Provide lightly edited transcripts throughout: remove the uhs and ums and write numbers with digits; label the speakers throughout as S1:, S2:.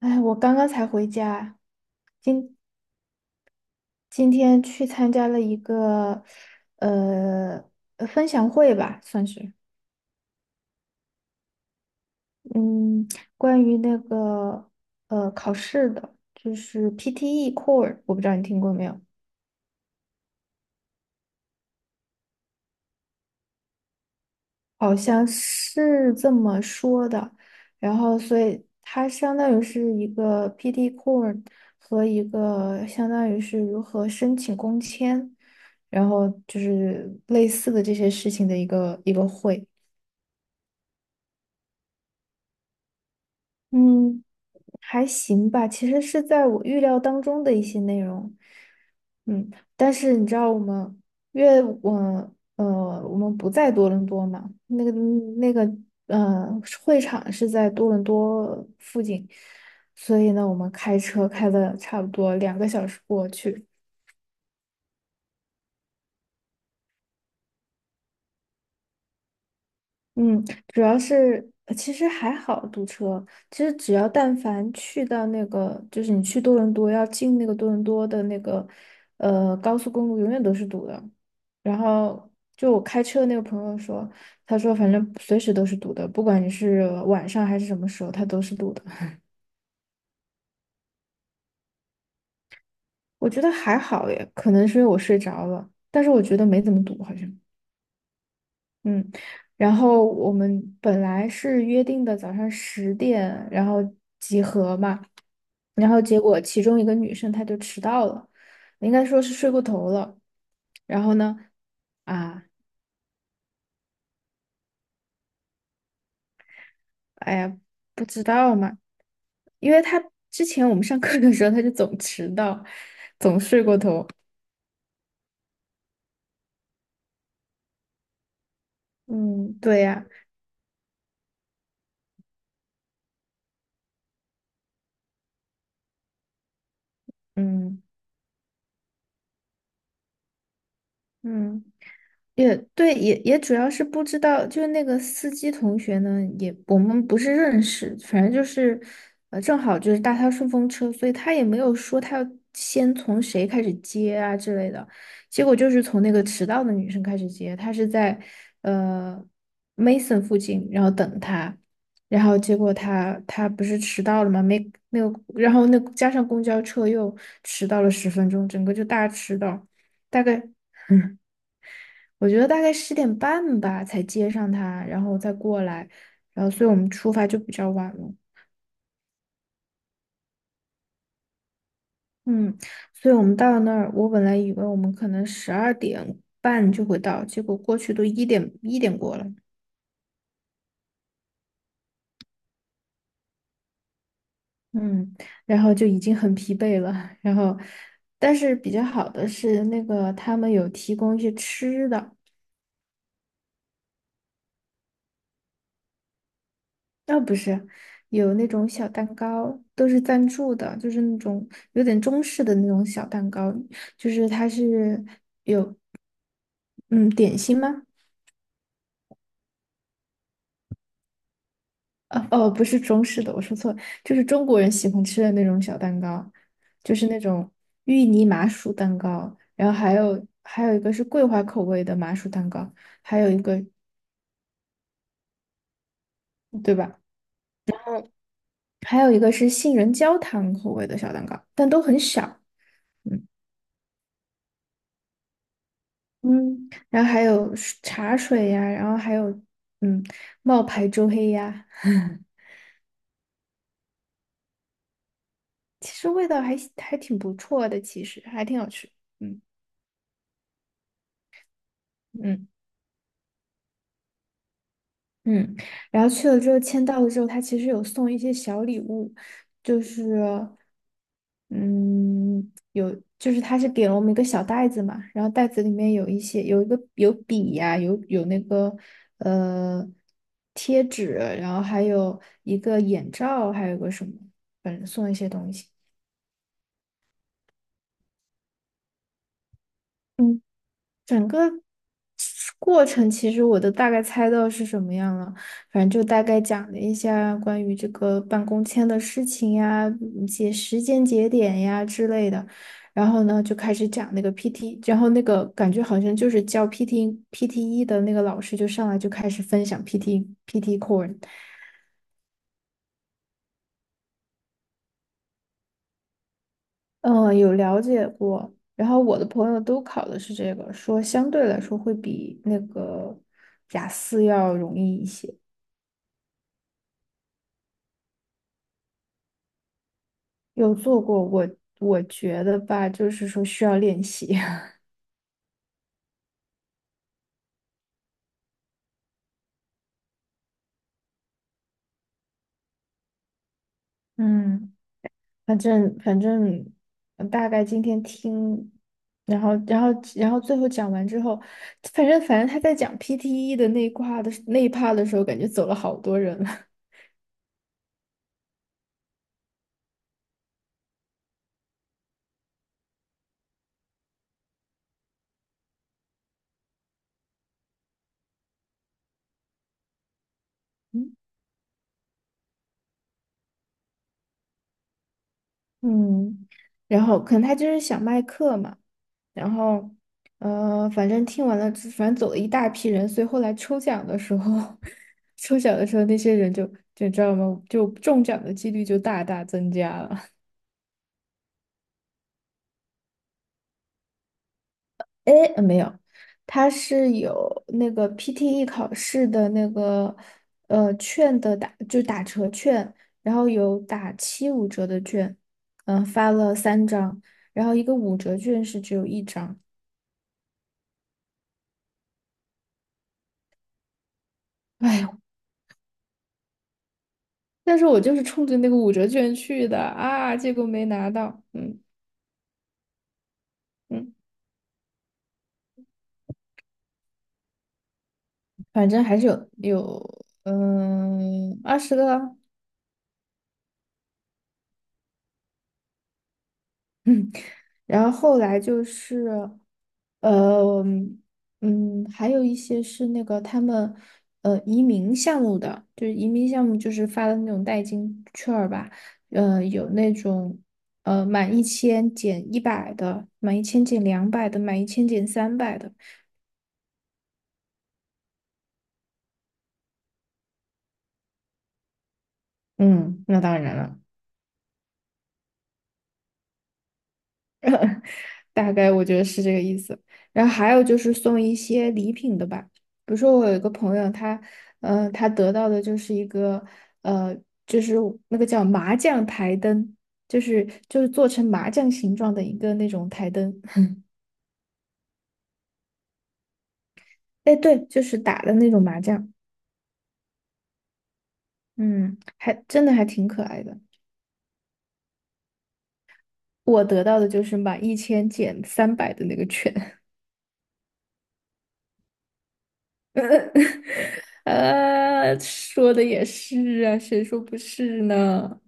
S1: 哎，我刚刚才回家，今今天去参加了一个呃分享会吧，算是，嗯，关于那个考试的，就是 PTE Core，我不知道你听过没有，好像是这么说的。然后，所以它相当于是一个 PTE Core 和一个相当于是如何申请工签，然后就是类似的这些事情的一个会。嗯，还行吧，其实是在我预料当中的一些内容。嗯，但是你知道我们，因为我呃，我们不在多伦多嘛，那个呃，会场是在多伦多附近，所以呢，我们开车开了差不多2个小时过去。嗯，主要是其实还好堵车，其实只要但凡去到那个，就是你去多伦多要进那个多伦多的那个高速公路，永远都是堵的。然后就我开车的那个朋友说，他说反正随时都是堵的，不管你是晚上还是什么时候，它都是堵的。我觉得还好耶，可能是因为我睡着了，但是我觉得没怎么堵，好像。嗯，然后我们本来是约定的早上10点，然后集合嘛，然后结果其中一个女生她就迟到了，应该说是睡过头了。然后呢，啊，哎呀，不知道嘛，因为她之前我们上课的时候她就总迟到，总睡过头。嗯，对呀，嗯嗯。也对，也主要是不知道，就是那个司机同学呢，也我们不是认识，反正就是，正好就是搭他顺风车，所以他也没有说他要先从谁开始接啊之类的，结果就是从那个迟到的女生开始接，他是在呃 Mason 附近，然后等他，然后结果他不是迟到了吗？没有，然后那加上公交车又迟到了10分钟，整个就大迟到，大概。我觉得大概10点半吧才接上他，然后再过来，然后所以我们出发就比较晚了。嗯，所以我们到那儿，我本来以为我们可能12点半就会到，结果过去都一点一点过了。嗯，然后就已经很疲惫了。然后，但是比较好的是那个他们有提供一些吃的，啊、不是，有那种小蛋糕，都是赞助的，就是那种有点中式的那种小蛋糕。就是它是嗯，点心吗？哦哦，不是中式的，我说错了，就是中国人喜欢吃的那种小蛋糕，就是那种芋泥麻薯蛋糕，然后还有一个是桂花口味的麻薯蛋糕，还有一个，对吧？还有一个是杏仁焦糖口味的小蛋糕，但都很小。嗯嗯，然后还有茶水呀，然后还有嗯冒牌周黑鸭，其实味道还挺不错的，其实还挺好吃。嗯。嗯。嗯，然后去了之后签到了之后，他其实有送一些小礼物，就是嗯，有就是他是给了我们一个小袋子嘛，然后袋子里面有一些有一个有笔呀、有那个呃贴纸，然后还有一个眼罩，还有个什么，反正送了一些东西。嗯。整个过程其实我都大概猜到是什么样了，反正就大概讲了一下关于这个办公签的事情呀，一些时间节点呀之类的。然后呢，就开始讲那个 PT，然后那个感觉好像就是教 PT PTE 的那个老师就上来就开始分享 PT PT Core，嗯，有了解过。然后我的朋友都考的是这个，说相对来说会比那个雅思要容易一些。有做过，我觉得吧，就是说需要练习。嗯反正大概今天听，然后然后然后最后讲完之后，反正他在讲 PTE 的那一块的那一 part 的时候，感觉走了好多人了。嗯，然后可能他就是想卖课嘛，然后反正听完了之反正走了一大批人，所以后来抽奖的时候，抽奖的时候那些人就你知道吗？就中奖的几率就大大增加了。哎，没有，他是有那个 PTE 考试的那个券的打，就打折券，然后有打75折的券，发了3张，然后一个五折券是只有一张。哎，但是我就是冲着那个五折券去的啊，结果没拿到。嗯嗯，反正还是有20个，嗯，然后后来就是呃还有一些是那个他们移民项目的，就是移民项目就是发的那种代金券儿吧，有那种。呃，满1000减100的，满1000减200的，满一千减三百的。嗯，那当然了。大概我觉得是这个意思。然后还有就是送一些礼品的吧，比如说我有一个朋友，他得到的就是一个，呃，就是那个叫麻将台灯，就是做成麻将形状的一个那种台灯。哎，对，就是打的那种麻将，嗯，还真的还挺可爱的。我得到的就是满一千减三百的那个券，说的也是啊，谁说不是呢？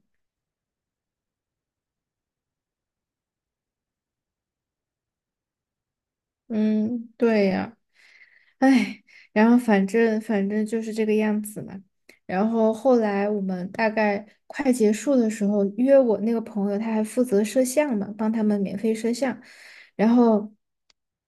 S1: 嗯，对呀。哎，然后反正就是这个样子嘛。然后后来我们大概快结束的时候，约我那个朋友，他还负责摄像嘛，帮他们免费摄像。然后，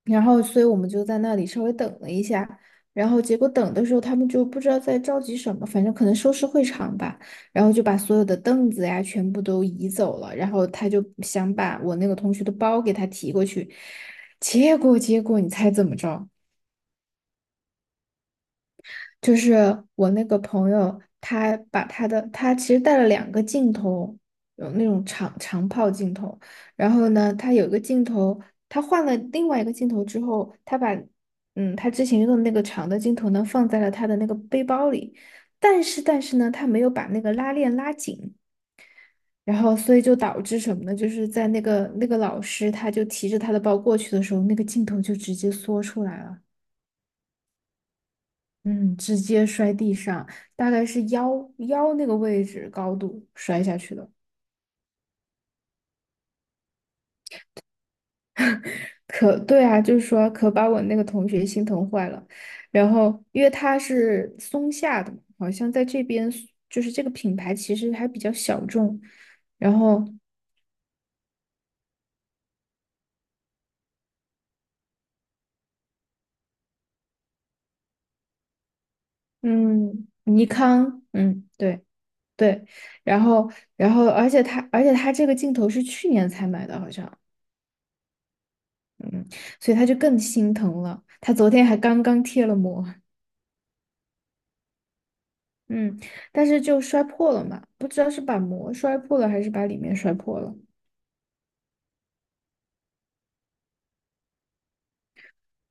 S1: 然后，所以我们就在那里稍微等了一下。然后结果等的时候，他们就不知道在着急什么，反正可能收拾会场吧。然后就把所有的凳子呀全部都移走了。然后他就想把我那个同学的包给他提过去，结果你猜怎么着？就是我那个朋友，他把他的他其实带了2个镜头，有那种长炮镜头，然后呢，他有一个镜头，他换了另外一个镜头之后，他把他之前用的那个长的镜头呢放在了他的那个背包里，但是呢，他没有把那个拉链拉紧。然后，所以就导致什么呢？就是在那个老师，他就提着他的包过去的时候，那个镜头就直接缩出来了。嗯，直接摔地上，大概是腰那个位置高度摔下去的。可对啊，就是说可把我那个同学心疼坏了。然后因为他是松下的嘛，好像在这边就是这个品牌其实还比较小众。然后嗯，尼康，嗯，对对，然后然后而且他这个镜头是去年才买的，好像，嗯，所以他就更心疼了。他昨天还刚刚贴了膜。嗯，但是就摔破了嘛，不知道是把膜摔破了还是把里面摔破了。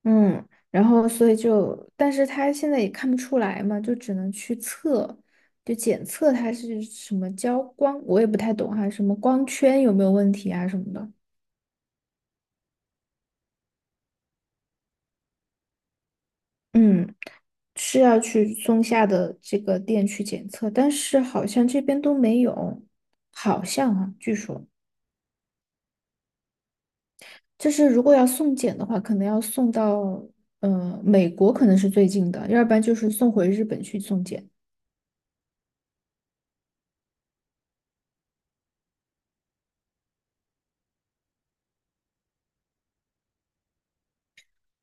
S1: 嗯，然后所以就，但是他现在也看不出来嘛，就只能去测，就检测它是什么焦光，我也不太懂哈，什么光圈有没有问题啊什么的。嗯，是要去松下的这个店去检测，但是好像这边都没有，好像啊，据说。就是如果要送检的话，可能要送到美国，可能是最近的，要不然就是送回日本去送检。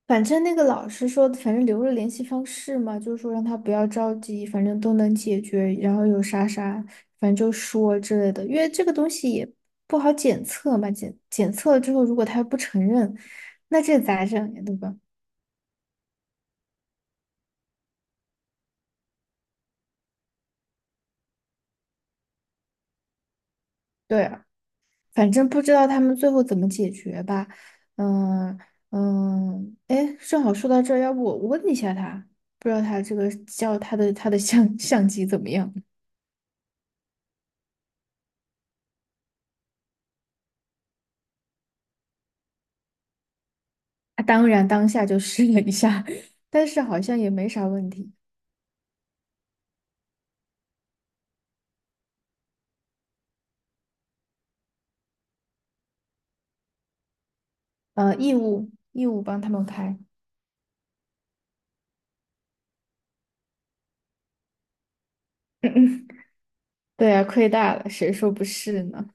S1: 反正那个老师说，反正留了联系方式嘛，就是说让他不要着急，反正都能解决。然后有啥啥，反正就说之类的，因为这个东西也不好检测嘛，检测了之后，如果他不承认，那这咋整呀，对吧？对啊，反正不知道他们最后怎么解决吧。嗯嗯，哎，正好说到这儿，要不我问一下他，不知道他这个叫他的相机怎么样？他当然当下就试了一下，但是好像也没啥问题。义务帮他们拍。对啊，亏大了，谁说不是呢？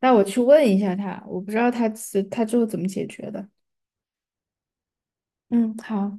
S1: 那我去问一下他，我不知道他最后怎么解决的。嗯，好。